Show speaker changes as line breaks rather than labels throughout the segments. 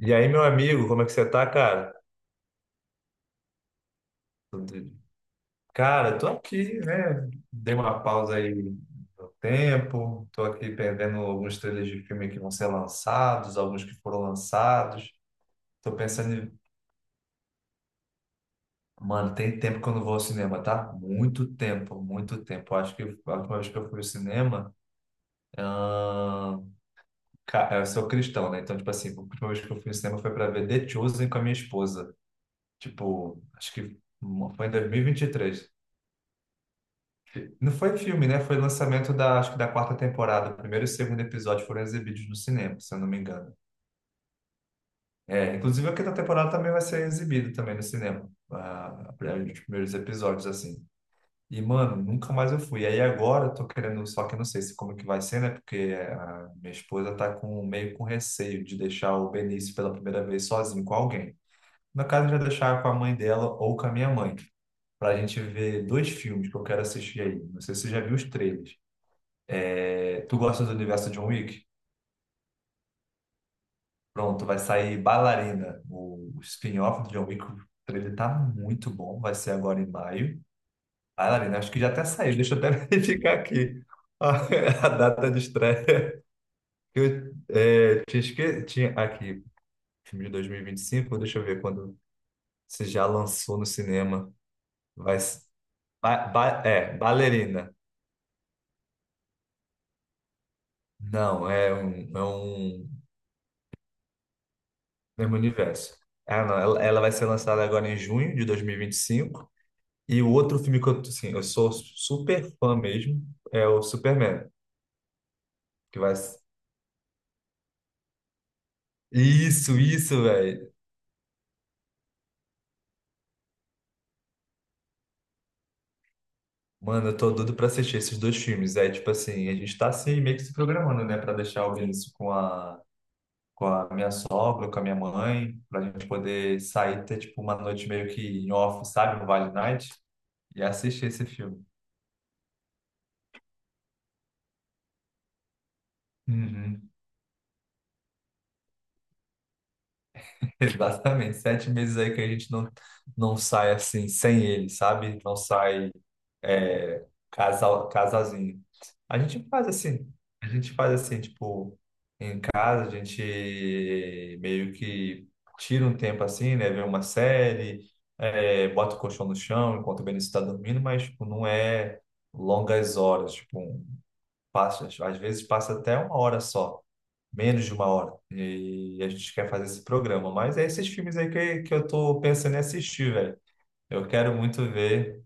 E aí, meu amigo, como é que você tá, cara? Tudo- Cara, tô aqui, né? Dei uma pausa aí no tempo, tô aqui perdendo alguns trailers de filme que vão ser lançados, alguns que foram lançados. Tô pensando em... Mano, tem tempo que eu não vou ao cinema, tá? Muito tempo, muito tempo. Eu acho que a última vez que eu fui ao cinema... ahn, Eu sou cristão, né? Então, tipo assim, a última vez que eu fui ao cinema foi pra ver The Chosen com a minha esposa. Tipo, acho que foi em 2023. Não foi filme, né? Foi lançamento da, acho que da quarta temporada. O primeiro e o segundo episódio foram exibidos no cinema, se eu não me engano. É, inclusive a quinta temporada também vai ser exibida também no cinema. Ah, os primeiros episódios, assim. E, mano, nunca mais eu fui. Aí agora eu tô querendo, só que eu não sei se como que vai ser, né? Porque a minha esposa tá meio com receio de deixar o Benício pela primeira vez sozinho com alguém. No caso, já deixar com a mãe dela ou com a minha mãe. Pra gente ver dois filmes que eu quero assistir aí. Não sei se você já viu os trailers. É, tu gosta do universo John Wick? Pronto, vai sair Bailarina, o spin-off do John Wick. O trailer tá muito bom, vai ser agora em maio. Bailarina, acho que já até saiu, deixa eu até verificar aqui a, a data de estreia. Eu é, tinha, esque... Tinha aqui, filme de 2025, deixa eu ver quando se já lançou no cinema. Vai, s- ba, ba- é, Bailarina. Não, é um mesmo universo. Ah, não, ela vai ser lançada agora em junho de 2025. E o outro filme que eu, assim, eu sou super fã mesmo é o Superman, que vai... Isso, velho. Mano, eu tô doido pra assistir esses dois filmes. Aí, tipo assim, a gente tá assim, meio que se programando, né? Pra deixar o Vinícius com a minha sogra, com a minha mãe, pra gente poder sair, ter, tipo, uma noite meio que em off, sabe? No Vale Night, e assistir esse filme. Uhum. Exatamente. 7 meses aí que a gente não sai assim, sem ele, sabe? Não sai é, casal, casalzinho. A gente faz assim, a gente faz assim, tipo, em casa a gente meio que tira um tempo assim, né? Vê uma série, bota o colchão no chão enquanto o Benício está dormindo, mas tipo, não é longas horas, tipo, às vezes passa até uma hora só, menos de uma hora. E a gente quer fazer esse programa, mas é esses filmes aí que eu tô pensando em assistir, velho. Eu quero muito ver.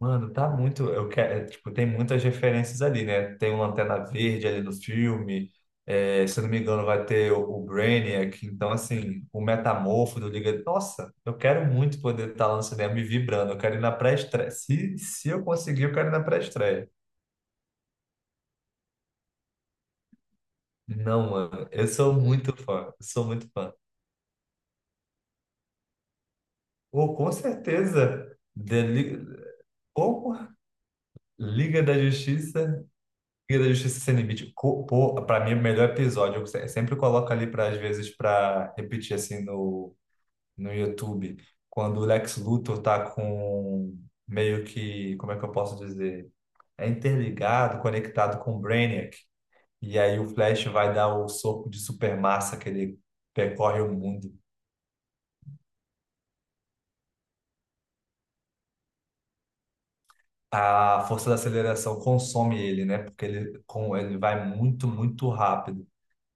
Mano, tá muito. Eu quero, tipo, tem muitas referências ali, né? Tem o Lanterna Verde ali no filme. Se eu não me engano, vai ter o Brainiac. Então, assim, o Metamorfo do Liga. Nossa, eu quero muito poder estar lá no cinema me vibrando. Eu quero ir na pré-estreia. Se eu conseguir, eu quero ir na pré-estreia. Não, mano, eu sou muito fã. Eu sou muito fã. Ou com certeza. Como? Liga da Justiça. Liga da Justiça Sem Limite, pô, pra mim, é o melhor episódio, eu sempre coloco ali, pra, às vezes, pra repetir, assim, no YouTube, quando o Lex Luthor tá com meio que, como é que eu posso dizer? É interligado, conectado com o Brainiac, e aí o Flash vai dar o soco de supermassa que ele percorre o mundo. A força da aceleração consome ele, né? Porque ele vai muito, muito rápido.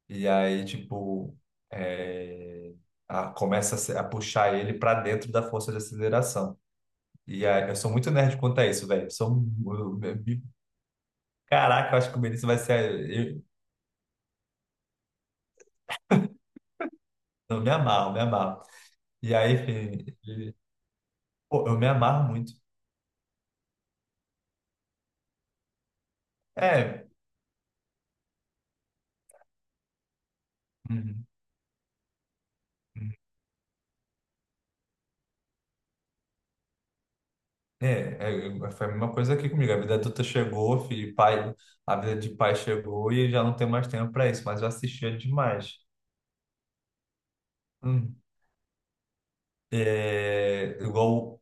E aí, tipo, é, começa a, se- a puxar ele pra dentro da força de aceleração. E aí, eu sou muito nerd quanto a isso, velho. Sou, um- eu- Caraca, eu acho que o Benício vai ser. Eu me amarro, me amarro. E aí, enfim, pô, eu me amarro muito. É. Uhum, uhum. É, é, foi a mesma coisa aqui comigo. A vida adulta chegou, filho, pai, a vida de pai chegou e já não tem mais tempo pra isso, mas eu assistia demais. Hum. É, igual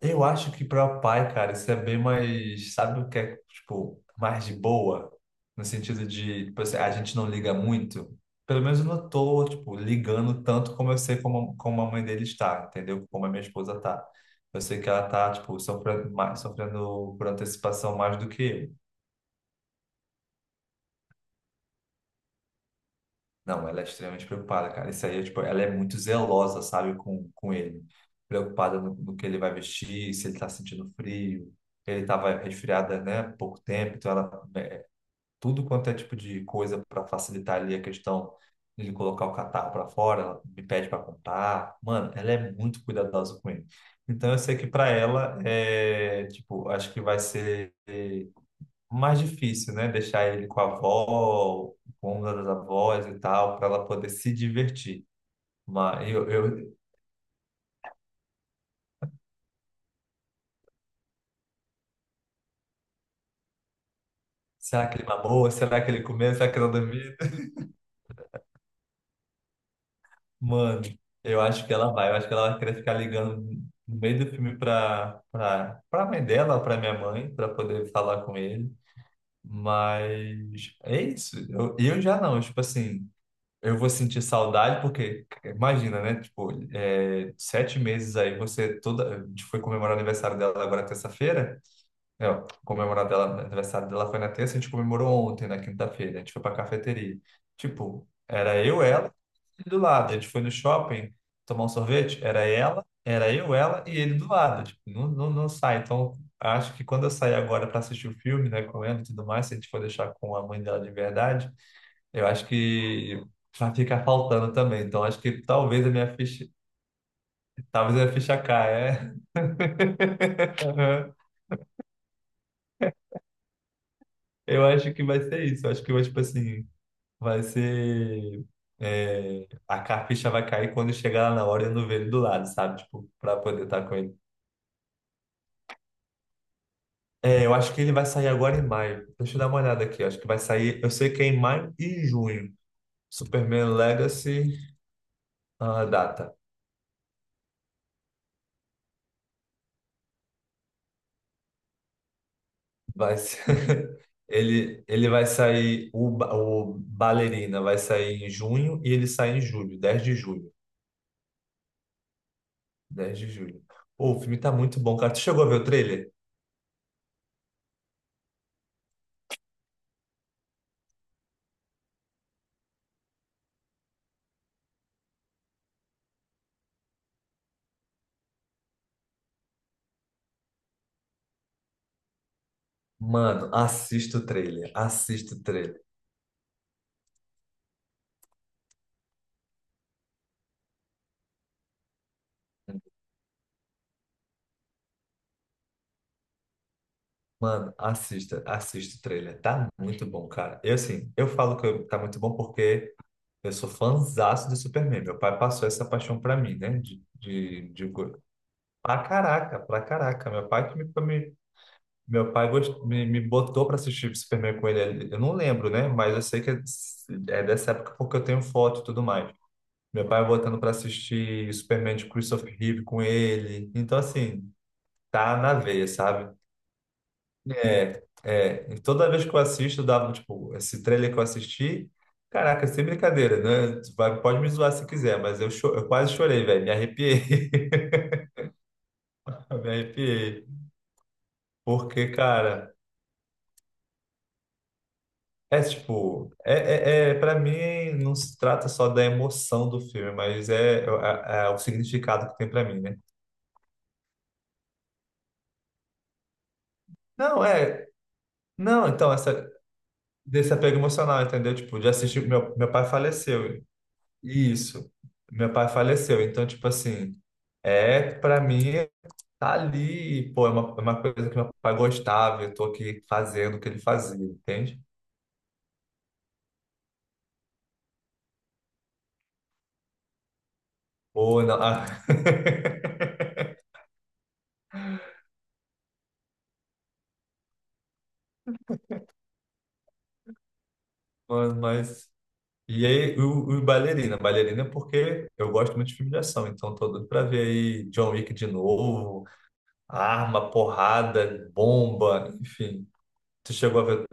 Eu acho que para pai, cara, isso é bem mais, sabe o que é, tipo, mais de boa, no sentido de, tipo assim, a gente não liga muito. Pelo menos eu não tô, tipo, ligando tanto como eu sei como a mãe dele está, entendeu? Como a minha esposa tá. Eu sei que ela tá, tipo, sofrendo, mais, sofrendo por antecipação mais do que eu. Não, ela é extremamente preocupada, cara. Isso aí, é, tipo, ela é muito zelosa, sabe, com ele. Preocupada no que ele vai vestir, se ele tá sentindo frio. Ele tava resfriada, né, há pouco tempo, então ela... tudo quanto é tipo de coisa para facilitar ali a questão de ele colocar o catarro para fora, ela me pede para comprar. Mano, ela é muito cuidadosa com ele. Então eu sei que para ela, tipo, acho que vai ser mais difícil, né? Deixar ele com a avó, com uma das avós e tal, para ela poder se divertir. Mas eu, eu, Será que ele mamou? Será que ele comeu? Será que ela dormiu? Mano, eu acho que ela vai. Eu acho que ela vai querer ficar ligando no meio do filme para mãe dela, para minha mãe, para poder falar com ele. Mas é isso. Eu já não, tipo assim. Eu vou sentir saudade porque, imagina, né? Tipo, 7 meses aí, você toda. A gente foi comemorar o aniversário dela agora terça-feira. É, ó, comemorar dela, o aniversário dela foi na terça, a gente comemorou ontem, na quinta-feira. A gente foi pra cafeteria. Tipo, era eu, ela e ele do lado. A gente foi no shopping tomar um sorvete, era ela, era eu, ela e ele do lado. Tipo, não, não, não sai. Então, acho que quando eu sair agora para assistir o filme, né, com ela e tudo mais, se a gente for deixar com a mãe dela de verdade. Eu acho que vai ficar faltando também. Então, acho que talvez a minha ficha caia. Aham. Eu acho que vai ser isso. Eu acho que, eu, tipo assim, vai ser. Ficha vai cair quando chegar lá na hora e eu não ver ele do lado, sabe? Tipo, pra poder estar com ele. É, eu acho que ele vai sair agora em maio. Deixa eu dar uma olhada aqui. Eu acho que vai sair. Eu sei que é em maio e junho. Superman Legacy, a data. Vai ser- ele vai sair, o Ballerina vai sair em junho e ele sai em julho, 10 de julho. 10 de julho. Pô, o filme tá muito bom, cara. Tu chegou a ver o trailer? Mano, assista o trailer. Assista o trailer. Mano, assista, assista o trailer. Tá muito bom, cara. Eu, assim, eu falo que tá muito bom porque eu sou fãzaço do Superman. Meu pai passou essa paixão pra mim, né? Pra caraca, pra caraca. Meu pai que me, Meu pai gost- me botou para assistir Superman com ele. Eu não lembro, né? Mas eu sei que é dessa época porque eu tenho foto e tudo mais. Meu pai botando para assistir Superman de Christopher Reeve com ele. Então, assim, tá na veia, sabe? É, é. E toda vez que eu assisto, eu dava, tipo, esse trailer que eu assisti. Caraca, sem brincadeira, né? Pode me zoar se quiser, mas eu quase chorei, velho. Me arrepiei. Me arrepiei. Porque, cara. É tipo, para mim não se trata só da emoção do filme, mas é o significado que tem pra mim, né? Não, não, então essa desse apego emocional, entendeu? Tipo, de assistir meu pai faleceu. Isso. Meu pai faleceu, então tipo assim, é pra mim tá ali, pô, é uma coisa que meu pai gostava, eu tô aqui fazendo o que ele fazia, entende? Ou não, ah, mano, mas. E aí, o Bailarina. Bailarina é porque eu gosto muito de filme de ação, então tô doido pra ver aí John Wick de novo, arma, porrada, bomba, enfim. Tu chegou a ver?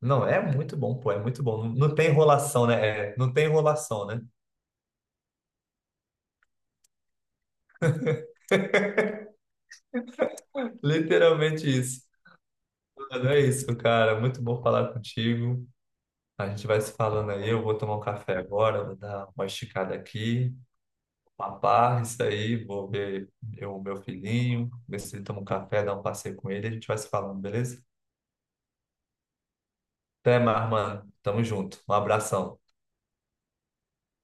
Não, é muito bom, pô, é muito bom. Não, não tem enrolação, né? É, não tem enrolação, né? Literalmente isso. Mano, é isso, cara. Muito bom falar contigo. A gente vai se falando aí. Eu vou tomar um café agora, vou dar uma esticada aqui. Uma barra, isso aí, vou ver eu, meu filhinho, ver se ele toma um café, dar um passeio com ele, a gente vai se falando, beleza? Até mais, mano. Tamo junto. Um abração.